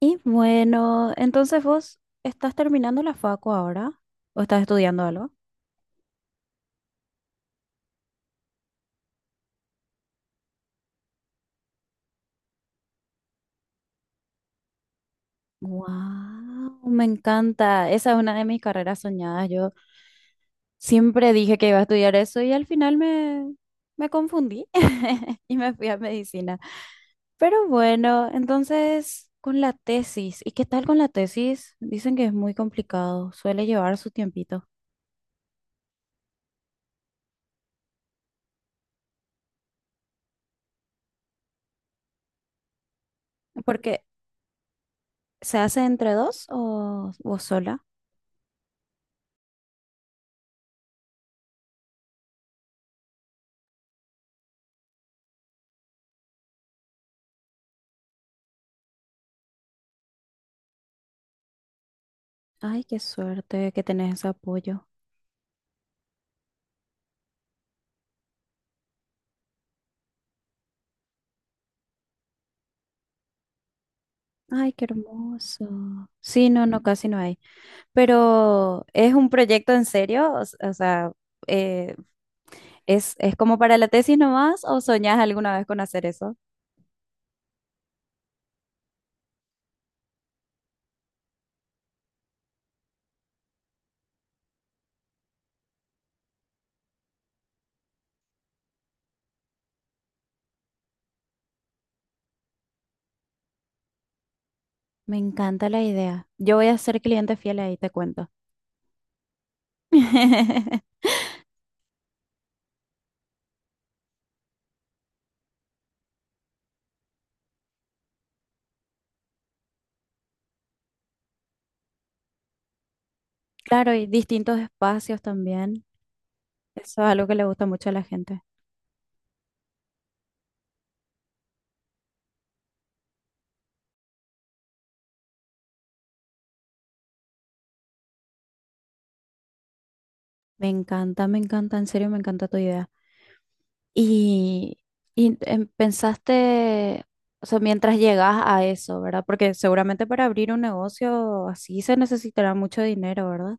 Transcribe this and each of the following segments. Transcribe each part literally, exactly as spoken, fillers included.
Y bueno, entonces vos estás terminando la facu ahora o estás estudiando algo? Wow, me encanta. Esa es una de mis carreras soñadas. Yo siempre dije que iba a estudiar eso y al final me, me confundí y me fui a medicina. Pero bueno, entonces con la tesis, ¿y qué tal con la tesis? Dicen que es muy complicado, suele llevar su tiempito. Porque se hace entre dos o vos sola. Ay, qué suerte que tenés ese apoyo. Ay, qué hermoso. Sí, no, no, casi no hay. Pero ¿es un proyecto en serio? O, s- o sea, eh, ¿Es, es como para la tesis nomás o soñás alguna vez con hacer eso? Me encanta la idea. Yo voy a ser cliente fiel ahí, te cuento. Claro, y distintos espacios también. Eso es algo que le gusta mucho a la gente. Me encanta, me encanta, en serio, me encanta tu idea. Y, y em- pensaste, o sea, mientras llegas a eso, ¿verdad? Porque seguramente para abrir un negocio así se necesitará mucho dinero, ¿verdad?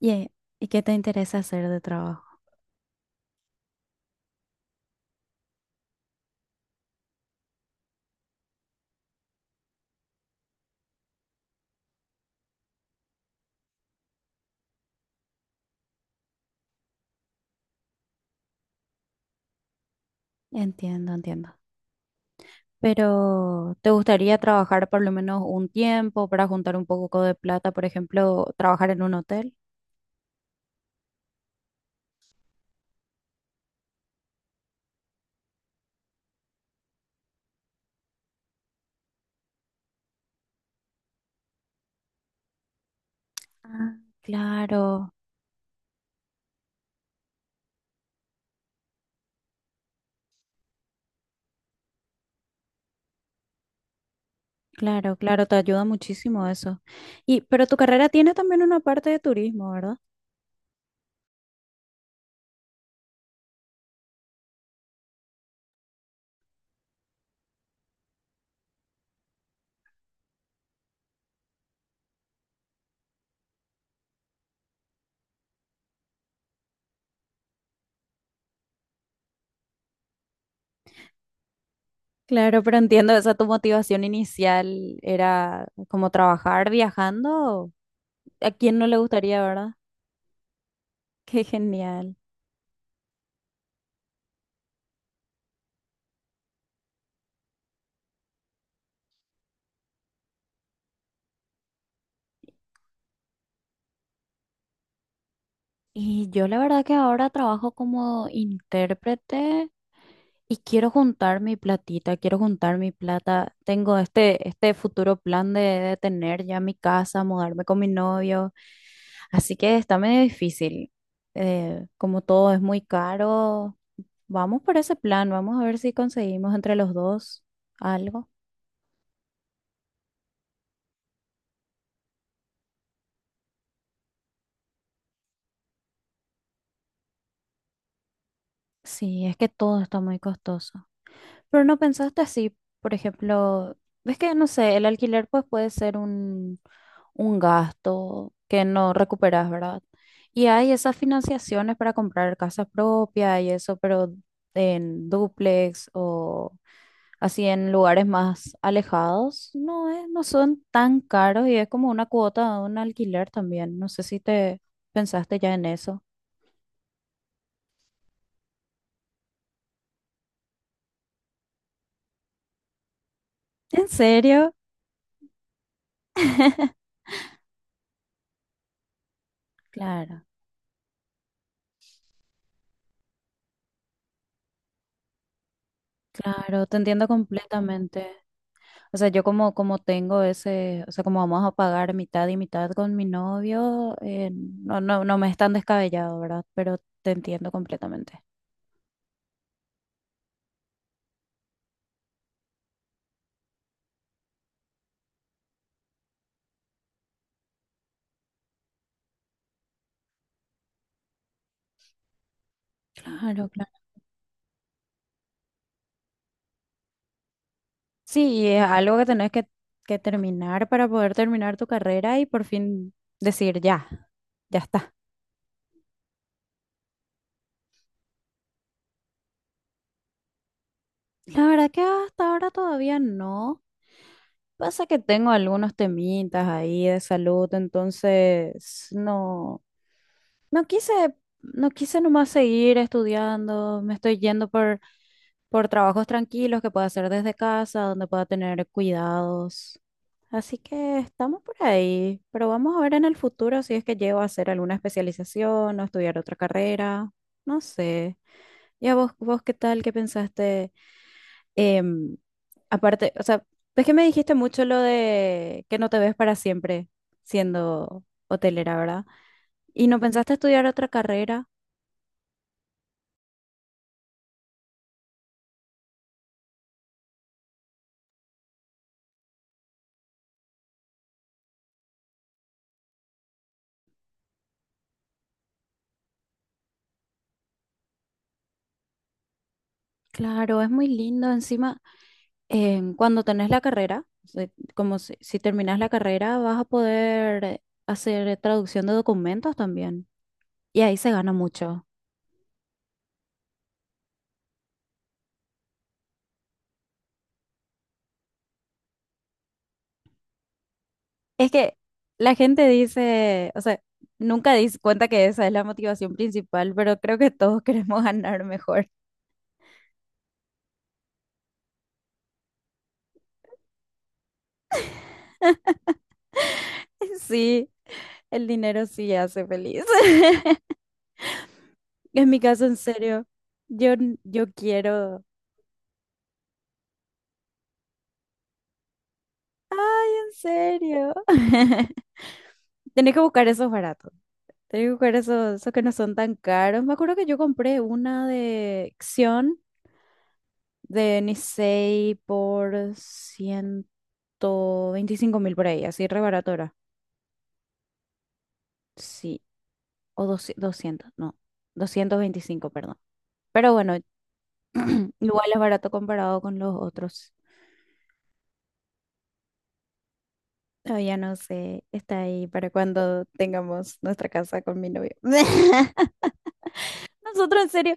¿Y, eh, y qué te interesa hacer de trabajo? Entiendo, entiendo. Pero ¿te gustaría trabajar por lo menos un tiempo para juntar un poco de plata, por ejemplo, trabajar en un hotel? Ah, claro, claro, claro, te ayuda muchísimo eso. Y, pero tu carrera tiene también una parte de turismo, ¿verdad? Claro, pero entiendo, esa tu motivación inicial era como trabajar viajando. ¿A quién no le gustaría, verdad? Qué genial. Y yo la verdad que ahora trabajo como intérprete y quiero juntar mi platita, quiero juntar mi plata. Tengo este, este futuro plan de, de tener ya mi casa, mudarme con mi novio. Así que está medio difícil. Eh, como todo es muy caro, vamos por ese plan, vamos a ver si conseguimos entre los dos algo. Sí, es que todo está muy costoso. Pero no pensaste así, por ejemplo, ves que no sé, el alquiler pues puede ser un, un gasto que no recuperas, ¿verdad? Y hay esas financiaciones para comprar casa propia y eso, pero en dúplex o así en lugares más alejados, no es, no son tan caros y es como una cuota de un alquiler también. No sé si te pensaste ya en eso. ¿En serio? Claro, claro, te entiendo completamente. O sea, yo como, como tengo ese, o sea, como vamos a pagar mitad y mitad con mi novio, eh, no, no, no me es tan descabellado, ¿verdad? Pero te entiendo completamente. Claro, claro. Sí, y es algo que tenés que, que terminar para poder terminar tu carrera y por fin decir ya, ya está. La verdad que hasta ahora todavía no. Pasa que tengo algunos temitas ahí de salud, entonces no, no quise, no quise nomás seguir estudiando, me estoy yendo por por trabajos tranquilos que pueda hacer desde casa, donde pueda tener cuidados. Así que estamos por ahí, pero vamos a ver en el futuro si es que llego a hacer alguna especialización o estudiar otra carrera, no sé. ¿Y a vos, vos qué tal? ¿Qué pensaste? Em, Aparte, o sea, ves que me dijiste mucho lo de que no te ves para siempre siendo hotelera, ¿verdad? ¿Y no pensaste estudiar otra carrera? Claro, es muy lindo. Encima, em, cuando tenés la carrera, o sea, como si, si terminas la carrera, vas a poder hacer traducción de documentos también. Y ahí se gana mucho. Es que la gente dice, o sea, nunca dice cuenta que esa es la motivación principal, pero creo que todos queremos ganar mejor. Sí, el dinero sí hace feliz. En mi caso, en serio, yo, n- yo quiero. Ay, en serio. Tenés que buscar esos baratos. Tengo que buscar esos, esos, que no son tan caros. Me acuerdo que yo compré una de Xion de Nisei por ciento veinticinco mil por ahí, así re barato era. Sí, o doscientos, doscientos no, doscientos veinticinco perdón. Pero bueno, igual es barato comparado con los otros. Todavía no sé, está ahí para cuando tengamos nuestra casa con mi novio. Nosotros en serio,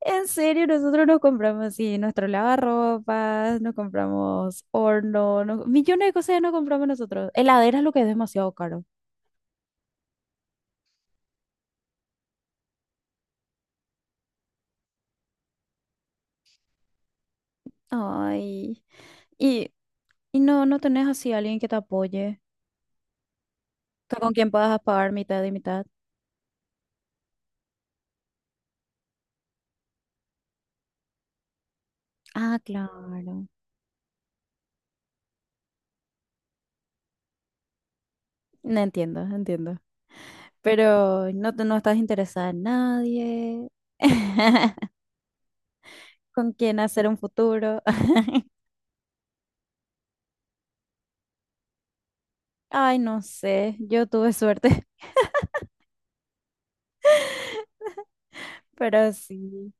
en serio, nosotros nos compramos así nuestro lavarropas, nos compramos horno, nos- millones de cosas nos compramos nosotros. Heladera es lo que es demasiado caro. Ay, y, y no, no tenés así alguien que te apoye, que con quien puedas pagar mitad y mitad. Ah, claro. No entiendo, entiendo. Pero no, te- no estás interesada en nadie. ¿Con quién hacer un futuro? Ay, no sé, yo tuve suerte. Pero sí.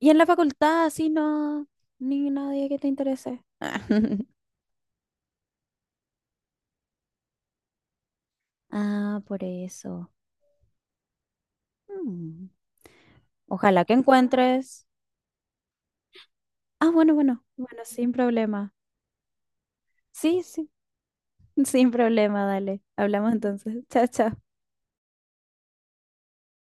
Y en la facultad, así no, ni nadie que te interese. Ah, ah, por eso. Mm. Ojalá que encuentres. Ah, bueno, bueno, bueno, sin problema. Sí, sí, sin problema, dale. Hablamos entonces. Chao, chao.